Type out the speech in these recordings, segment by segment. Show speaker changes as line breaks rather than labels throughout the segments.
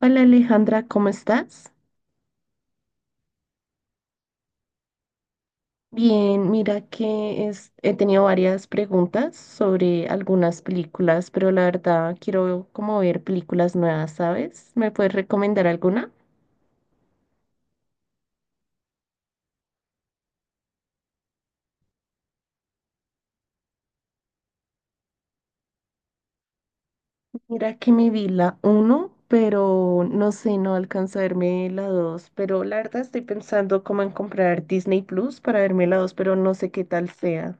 Hola Alejandra, ¿cómo estás? Bien, mira que he tenido varias preguntas sobre algunas películas, pero la verdad quiero como ver películas nuevas, ¿sabes? ¿Me puedes recomendar alguna? Mira que me vi la uno, pero no sé, no alcanzo a verme la 2, pero la verdad estoy pensando como en comprar Disney Plus para verme la 2, pero no sé qué tal sea.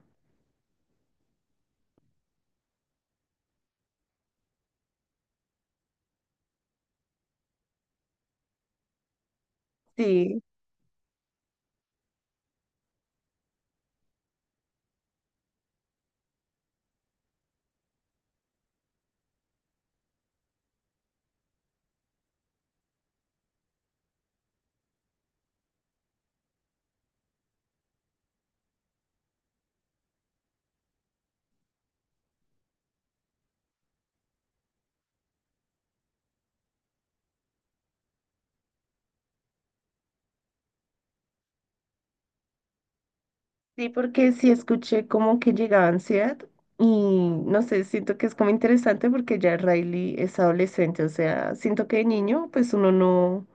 Sí. Sí, porque sí escuché como que llegaba ansiedad y no sé, siento que es como interesante porque ya Riley es adolescente, o sea, siento que de niño pues uno no,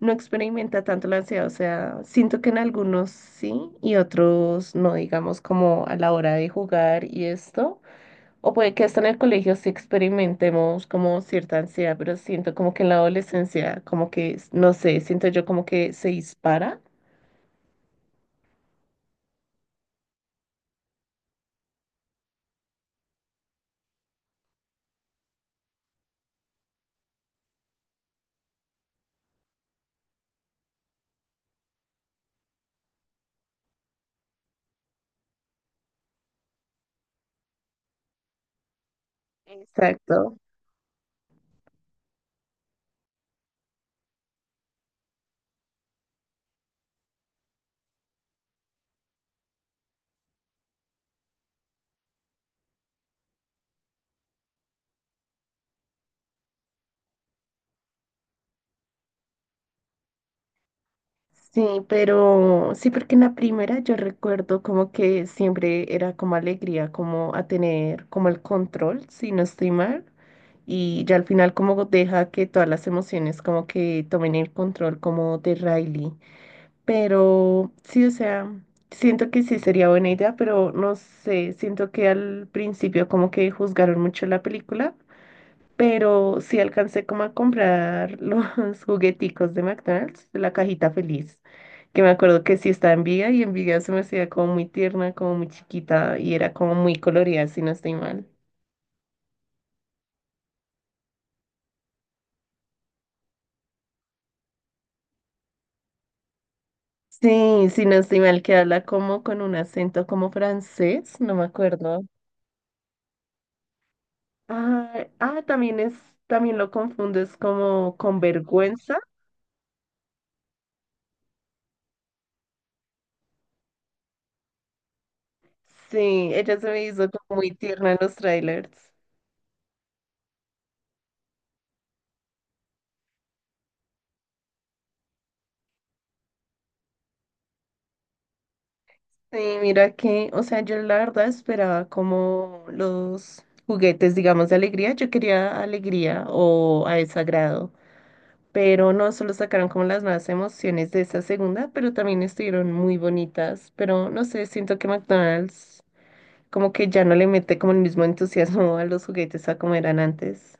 no experimenta tanto la ansiedad, o sea, siento que en algunos sí y otros no, digamos como a la hora de jugar y esto, o puede que hasta en el colegio sí experimentemos como cierta ansiedad, pero siento como que en la adolescencia como que, no sé, siento yo como que se dispara. Exacto. Sí, pero sí, porque en la primera yo recuerdo como que siempre era como alegría, como a tener como el control, si no estoy mal, y ya al final como deja que todas las emociones como que tomen el control como de Riley. Pero sí, o sea, siento que sí sería buena idea, pero no sé, siento que al principio como que juzgaron mucho la película, pero sí alcancé como a comprar los jugueticos de McDonald's, la cajita feliz, que me acuerdo que sí estaba en Viga y en Viga se me hacía como muy tierna, como muy chiquita y era como muy colorida, si no estoy mal. Sí, si no estoy mal, que habla como con un acento como francés, no me acuerdo. Ah, ah, también es, también lo confundo, es como con vergüenza. Sí, ella se me hizo como muy tierna en los trailers. Sí, mira que, o sea, yo la verdad esperaba como los juguetes, digamos, de alegría. Yo quería alegría o a desagrado, pero no, solo sacaron como las nuevas emociones de esa segunda, pero también estuvieron muy bonitas. Pero no sé, siento que McDonald's como que ya no le mete como el mismo entusiasmo a los juguetes a como eran antes.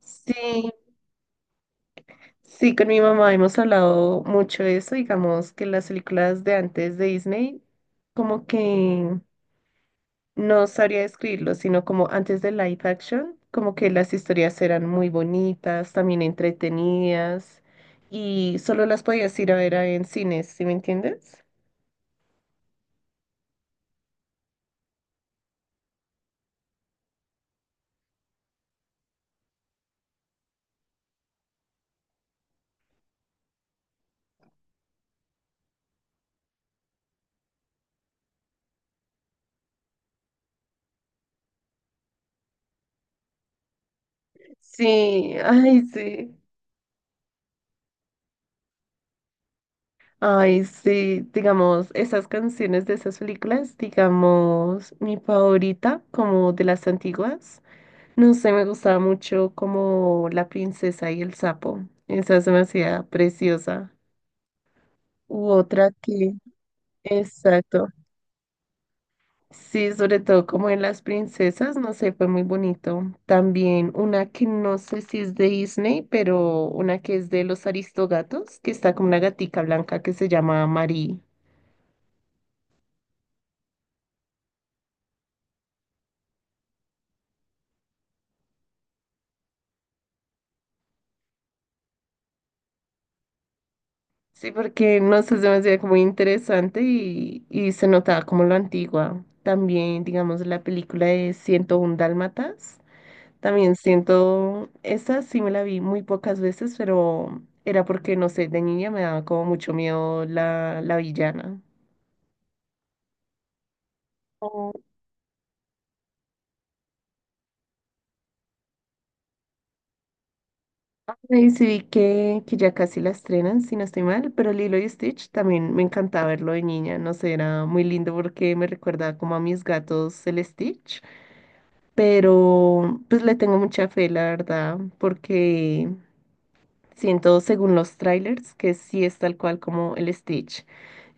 Sí, sí, con mi mamá hemos hablado mucho de eso, digamos que las películas de antes de Disney, como que... No sabría describirlo, sino como antes de live action, como que las historias eran muy bonitas, también entretenidas, y solo las podías ir a ver a en cines, ¿sí me entiendes? Sí, ay, sí. Ay, sí, digamos, esas canciones de esas películas, digamos, mi favorita, como de las antiguas, no sé, me gustaba mucho como La princesa y el sapo, esa se me hacía preciosa. U otra que, exacto. Sí, sobre todo como en las princesas, no sé, fue muy bonito. También una que no sé si es de Disney, pero una que es de los Aristogatos, que está como una gatica blanca que se llama Marie. Sí, porque no sé, se me hacía como muy interesante y se notaba como lo antigua. También, digamos, la película de 101 Dálmatas. También siento, esa sí me la vi muy pocas veces, pero era porque, no sé, de niña me daba como mucho miedo la, la villana. Y sí, vi que ya casi la estrenan, si no estoy mal, pero Lilo y Stitch también me encantaba verlo de niña, no sé, era muy lindo porque me recordaba como a mis gatos el Stitch, pero pues le tengo mucha fe, la verdad, porque siento según los trailers que sí es tal cual como el Stitch.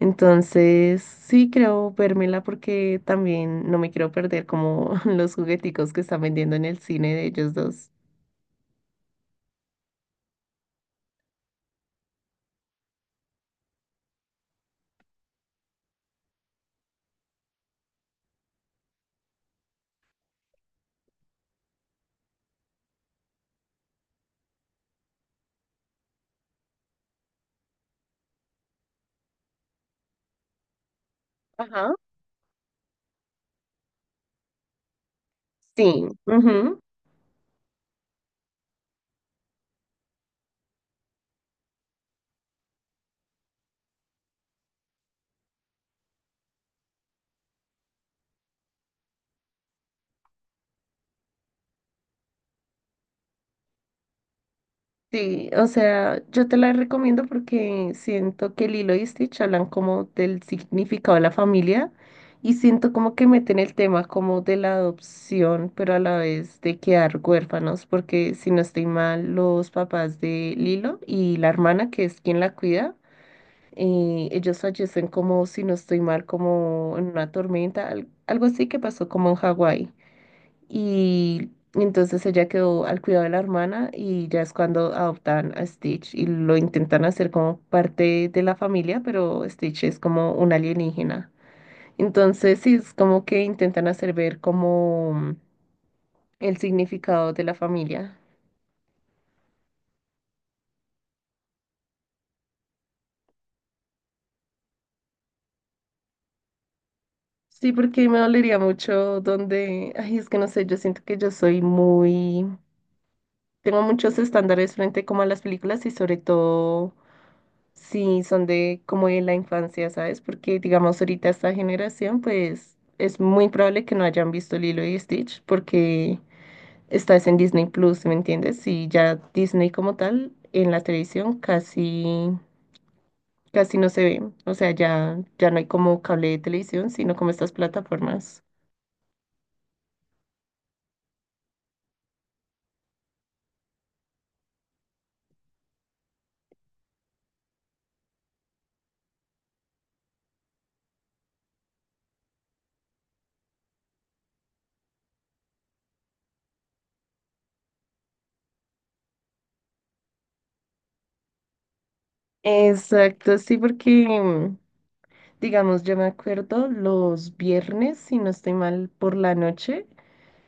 Entonces, sí creo vérmela porque también no me quiero perder como los jugueticos que están vendiendo en el cine de ellos dos. Ajá. Sí. Sí, o sea, yo te la recomiendo porque siento que Lilo y Stitch hablan como del significado de la familia y siento como que meten el tema como de la adopción, pero a la vez de quedar huérfanos, porque si no estoy mal, los papás de Lilo y la hermana, que es quien la cuida, ellos fallecen como, si no estoy mal, como en una tormenta, algo así que pasó como en Hawái. Y entonces ella quedó al cuidado de la hermana y ya es cuando adoptan a Stitch y lo intentan hacer como parte de la familia, pero Stitch es como un alienígena. Entonces sí, es como que intentan hacer ver como el significado de la familia. Sí, porque me dolería mucho donde, ay, es que no sé, yo siento que yo soy muy, tengo muchos estándares frente como a las películas y sobre todo sí, son de como de la infancia, ¿sabes? Porque digamos ahorita esta generación, pues es muy probable que no hayan visto Lilo y Stitch porque estás en Disney Plus, ¿me entiendes? Y ya Disney como tal en la televisión casi casi no se ve, o sea, ya no hay como cable de televisión, sino como estas plataformas. Exacto, sí, porque digamos, yo me acuerdo los viernes, si no estoy mal, por la noche.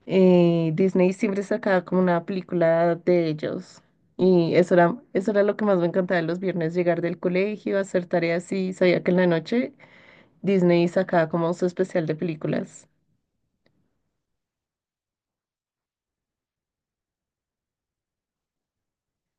Disney siempre sacaba como una película de ellos. Y eso era lo que más me encantaba los viernes, llegar del colegio, hacer tareas y sabía que en la noche Disney sacaba como su especial de películas.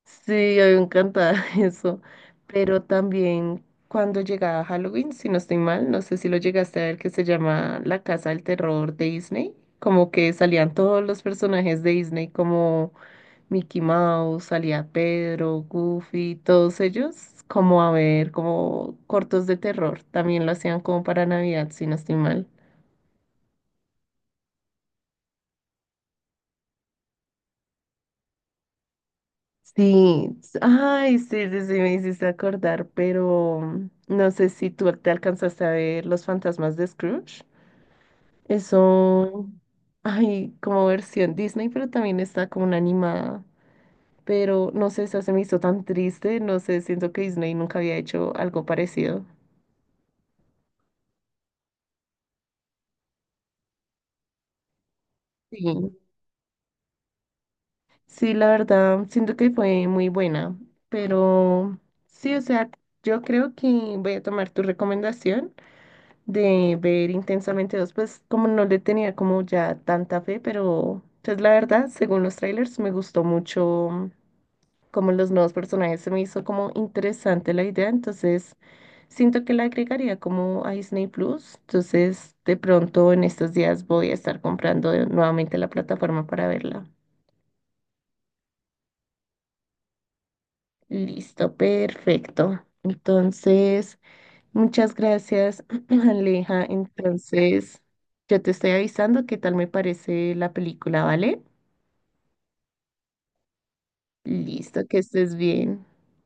Sí, a mí me encantaba eso. Pero también cuando llegaba Halloween, si no estoy mal, no sé si lo llegaste a ver, que se llama La Casa del Terror de Disney. Como que salían todos los personajes de Disney como Mickey Mouse, salía Pedro, Goofy, todos ellos, como a ver, como cortos de terror. También lo hacían como para Navidad, si no estoy mal. Sí, ay, sí, sí, sí, me hiciste acordar, pero no sé si tú te alcanzaste a ver Los Fantasmas de Scrooge. Eso, ay, como versión Disney, pero también está como una animada. Pero no sé, esa se me hizo tan triste, no sé, siento que Disney nunca había hecho algo parecido. Sí. Sí, la verdad, siento que fue muy buena, pero sí, o sea, yo creo que voy a tomar tu recomendación de ver Intensamente dos, pues como no le tenía como ya tanta fe, pero pues la verdad, según los trailers, me gustó mucho como los nuevos personajes, se me hizo como interesante la idea, entonces siento que la agregaría como a Disney Plus, entonces de pronto en estos días voy a estar comprando nuevamente la plataforma para verla. Listo, perfecto. Entonces, muchas gracias, Aleja. Entonces, yo te estoy avisando qué tal me parece la película, ¿vale? Listo, que estés bien.